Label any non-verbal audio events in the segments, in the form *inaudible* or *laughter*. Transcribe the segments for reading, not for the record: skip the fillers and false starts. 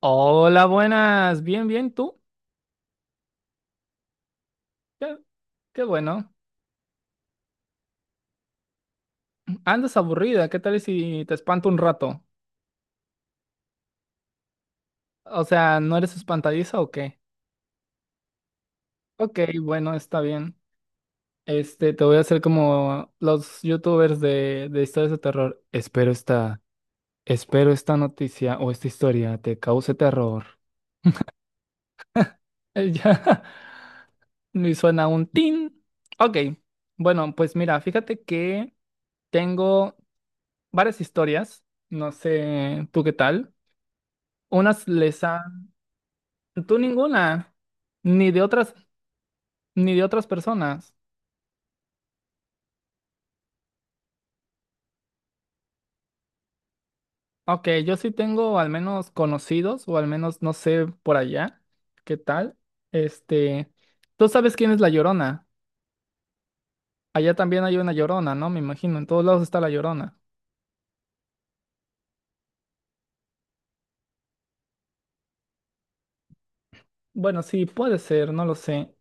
Hola, buenas. Bien, bien, ¿tú? Qué, qué bueno. Andas aburrida. ¿Qué tal si te espanto un rato? O sea, ¿no eres espantadiza o qué? Ok, bueno, está bien. Este, te voy a hacer como los youtubers de historias de terror. Espero esta noticia o esta historia te cause terror. Ya, *laughs* me suena un tin. Ok, bueno, pues mira, fíjate que tengo varias historias. No sé, ¿tú qué tal? Unas les han... Tú ninguna, ni de otras, ni de otras personas. Ok, yo sí tengo al menos conocidos, o al menos no sé por allá, qué tal. Este, tú sabes quién es la Llorona. Allá también hay una Llorona, ¿no? Me imagino, en todos lados está la Llorona. Bueno, sí, puede ser, no lo sé.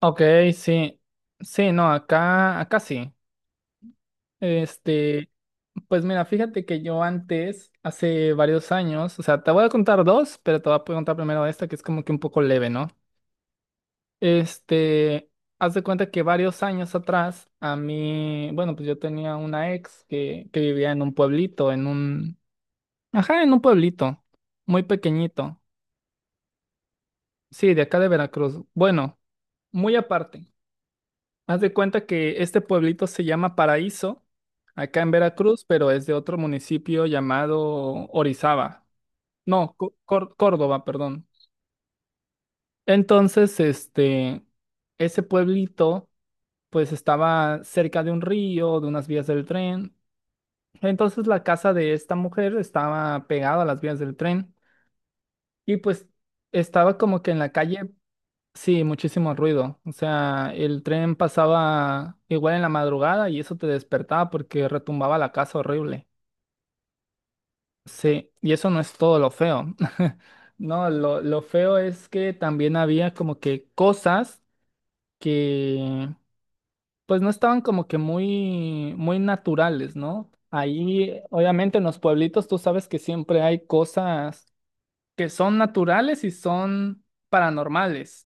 Ok, sí. Sí, no, acá, acá sí. Este, pues mira, fíjate que yo antes, hace varios años, o sea, te voy a contar dos, pero te voy a contar primero esta que es como que un poco leve, ¿no? Este, haz de cuenta que varios años atrás, a mí, bueno, pues yo tenía una ex que vivía en un pueblito, ajá, en un pueblito, muy pequeñito, sí, de acá de Veracruz. Bueno, muy aparte, haz de cuenta que este pueblito se llama Paraíso, acá en Veracruz, pero es de otro municipio llamado Orizaba. No, Córdoba, perdón. Entonces, este, ese pueblito, pues estaba cerca de un río, de unas vías del tren. Entonces, la casa de esta mujer estaba pegada a las vías del tren y pues estaba como que en la calle, sí, muchísimo ruido. O sea, el tren pasaba igual en la madrugada y eso te despertaba porque retumbaba la casa horrible. Sí, y eso no es todo lo feo. *laughs* No, lo feo es que también había como que cosas que pues no estaban como que muy, muy naturales, ¿no? Ahí, obviamente en los pueblitos tú sabes que siempre hay cosas que son naturales y son paranormales.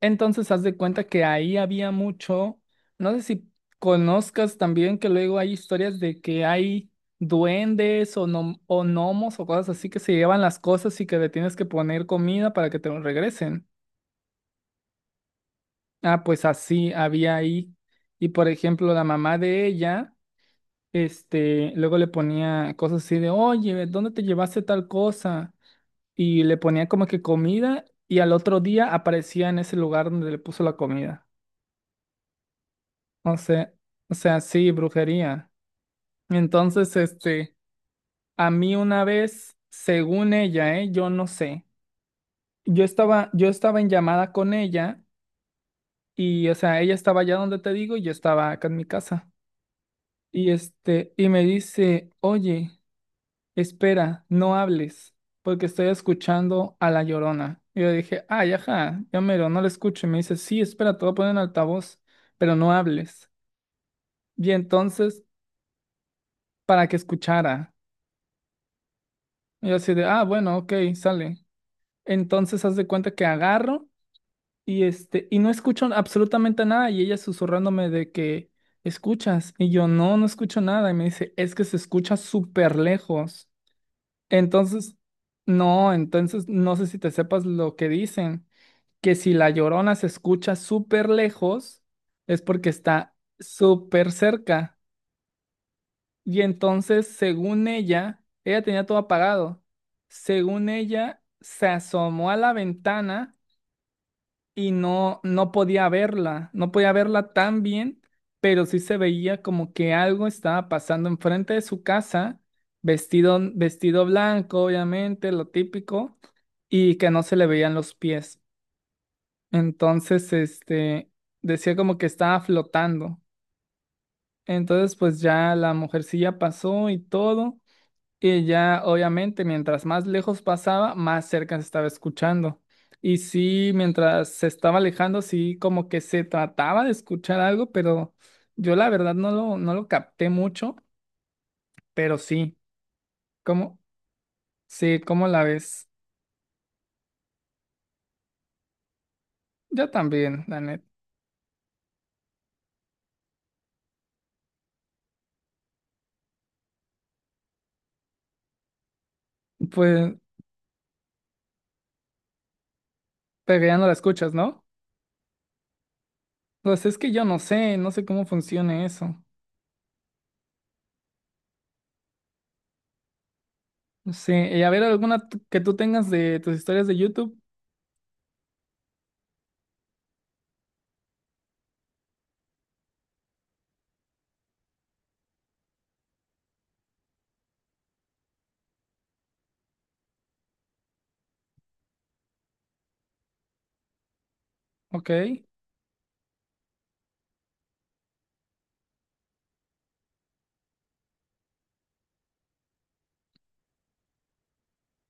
Entonces, haz de cuenta que ahí había mucho, no sé si conozcas también que luego hay historias de que hay duendes o, o gnomos o cosas así que se llevan las cosas y que le tienes que poner comida para que te lo regresen. Ah, pues así había ahí. Y por ejemplo, la mamá de ella, este, luego le ponía cosas así de, oye, ¿dónde te llevaste tal cosa? Y le ponía como que comida y al otro día aparecía en ese lugar donde le puso la comida. O sea, o sea, sí, brujería. Entonces, este, a mí una vez, según ella, ¿eh? Yo no sé. Yo estaba en llamada con ella y, o sea, ella estaba allá donde te digo y yo estaba acá en mi casa. Y este, y me dice, oye, espera, no hables, porque estoy escuchando a La Llorona. Y yo dije, ay, ajá, ya mero, no la escucho. Y me dice, sí, espera, te voy a poner en altavoz, pero no hables. Y entonces, para que escuchara. Y yo así de, ah, bueno, ok, sale. Entonces haz de cuenta que agarro y este, y no escucho absolutamente nada. Y ella susurrándome de que escuchas. Y yo, no, no escucho nada. Y me dice, es que se escucha súper lejos. Entonces, no, entonces no sé si te sepas lo que dicen, que si la llorona se escucha súper lejos, es porque está súper cerca. Y entonces, según ella, ella tenía todo apagado. Según ella, se asomó a la ventana y no, no podía verla, no podía verla tan bien, pero sí se veía como que algo estaba pasando enfrente de su casa, vestido blanco, obviamente, lo típico, y que no se le veían los pies. Entonces, este, decía como que estaba flotando. Entonces, pues ya la mujercilla pasó y todo. Y ya, obviamente, mientras más lejos pasaba, más cerca se estaba escuchando. Y sí, mientras se estaba alejando, sí, como que se trataba de escuchar algo, pero yo la verdad no lo capté mucho, pero sí, ¿cómo? Sí, ¿cómo la ves? Yo también, la neta. Pues, pero ya no la escuchas, ¿no? Pues es que yo no sé, no sé cómo funcione eso. No sé, y a ver, que tú tengas de tus historias de YouTube, ok,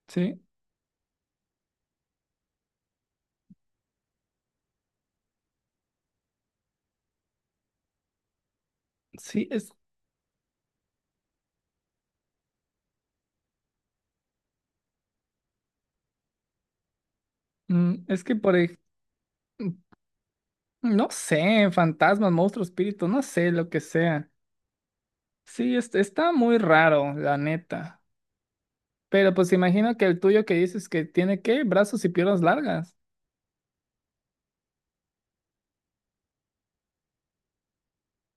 sí, sí, es, mm, es que por ejemplo... No sé, fantasmas, monstruos, espíritus, no sé, lo que sea. Sí, está muy raro, la neta. Pero pues imagino que el tuyo que dices que tiene qué, brazos y piernas largas.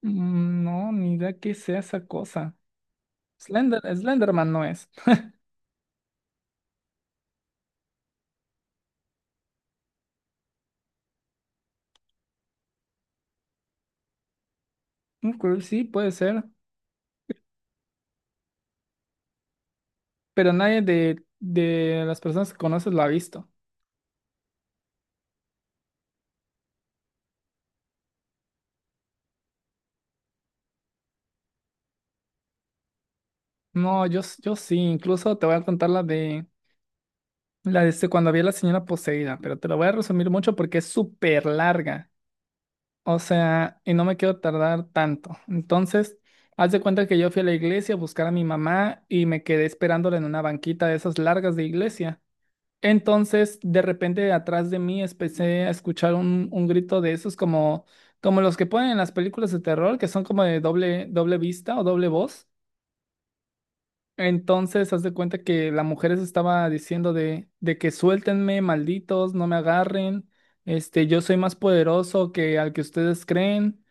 Mm, no, ni idea qué sea esa cosa. Slender, Slenderman no es. Ok, sí, puede ser. Pero nadie de las personas que conoces lo ha visto. No, yo sí, incluso te voy a contar la de cuando vi a la señora poseída, pero te lo voy a resumir mucho porque es súper larga. O sea, y no me quiero tardar tanto. Entonces, haz de cuenta que yo fui a la iglesia a buscar a mi mamá y me quedé esperándola en una banquita de esas largas de iglesia. Entonces, de repente, atrás de mí empecé a escuchar un grito de esos como, como los que ponen en las películas de terror, que son como de doble, doble vista o doble voz. Entonces, haz de cuenta que la mujer se estaba diciendo de que suéltenme, malditos, no me agarren, este, yo soy más poderoso que al que ustedes creen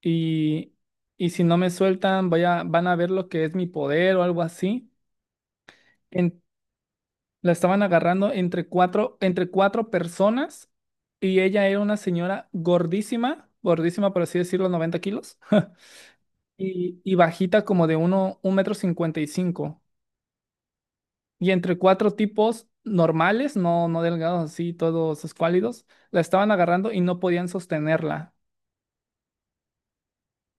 y, y si no me sueltan, vaya, van a ver lo que es mi poder o algo así. En- la estaban agarrando entre cuatro personas y ella era una señora gordísima, gordísima por así decirlo, 90 kilos, *laughs* y bajita como 1,55 m. Y entre cuatro tipos normales, no, no delgados así, todos escuálidos, la estaban agarrando y no podían sostenerla.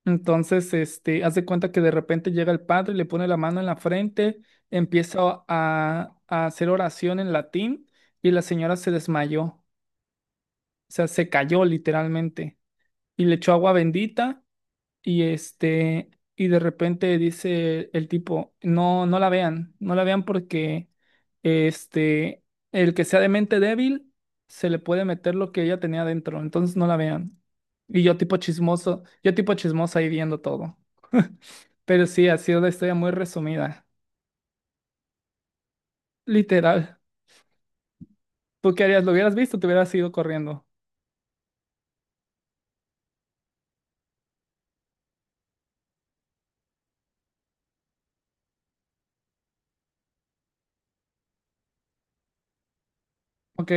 Entonces, este, haz de cuenta que de repente llega el padre, le pone la mano en la frente, empieza a hacer oración en latín y la señora se desmayó, o sea, se cayó literalmente y le echó agua bendita y este, y de repente dice el tipo, no, no la vean, no la vean porque este, el que sea de mente débil se le puede meter lo que ella tenía dentro, entonces no la vean. Y yo tipo chismoso ahí viendo todo. Pero sí, ha sido una historia muy resumida. Literal. ¿Tú qué harías? ¿Lo hubieras visto? Te hubieras ido corriendo. ¿Ok?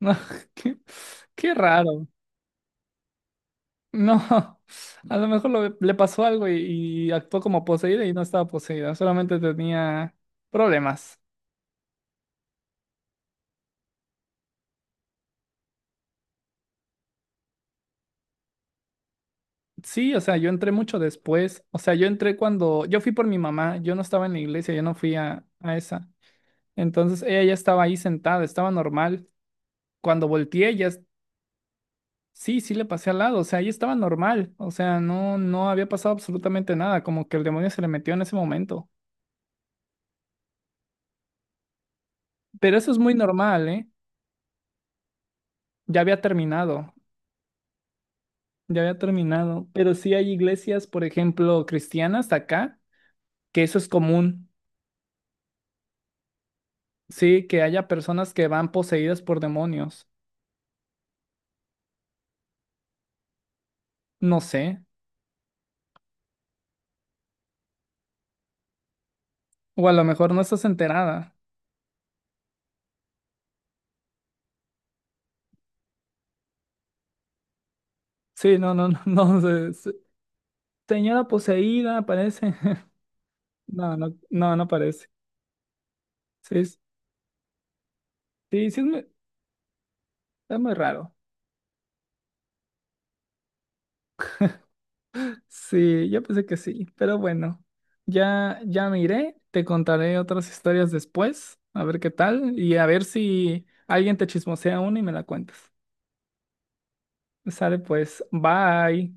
No, *laughs* qué, qué raro. No, a lo mejor le pasó algo y actuó como poseída y no estaba poseída, solamente tenía problemas. Sí, o sea, yo entré mucho después. O sea, yo entré cuando yo fui por mi mamá, yo no estaba en la iglesia, yo no fui a esa. Entonces ella ya estaba ahí sentada, estaba normal. Cuando volteé, ya, sí, sí le pasé al lado, o sea, ahí estaba normal, o sea, no, no había pasado absolutamente nada, como que el demonio se le metió en ese momento. Pero eso es muy normal, ¿eh? Ya había terminado, ya había terminado. Pero sí hay iglesias, por ejemplo, cristianas de acá, que eso es común, sí, que haya personas que van poseídas por demonios. No sé, o a lo mejor no estás enterada. Sí, no, no, no, *laughs* no sé. Señora poseída, parece. *laughs* No, no, no, no parece. Sí, sí, sí, es muy raro. Sí, yo pensé que sí, pero bueno, ya, ya me iré, te contaré otras historias después, a ver qué tal, y a ver si alguien te chismosea una y me la cuentas. Sale pues, bye.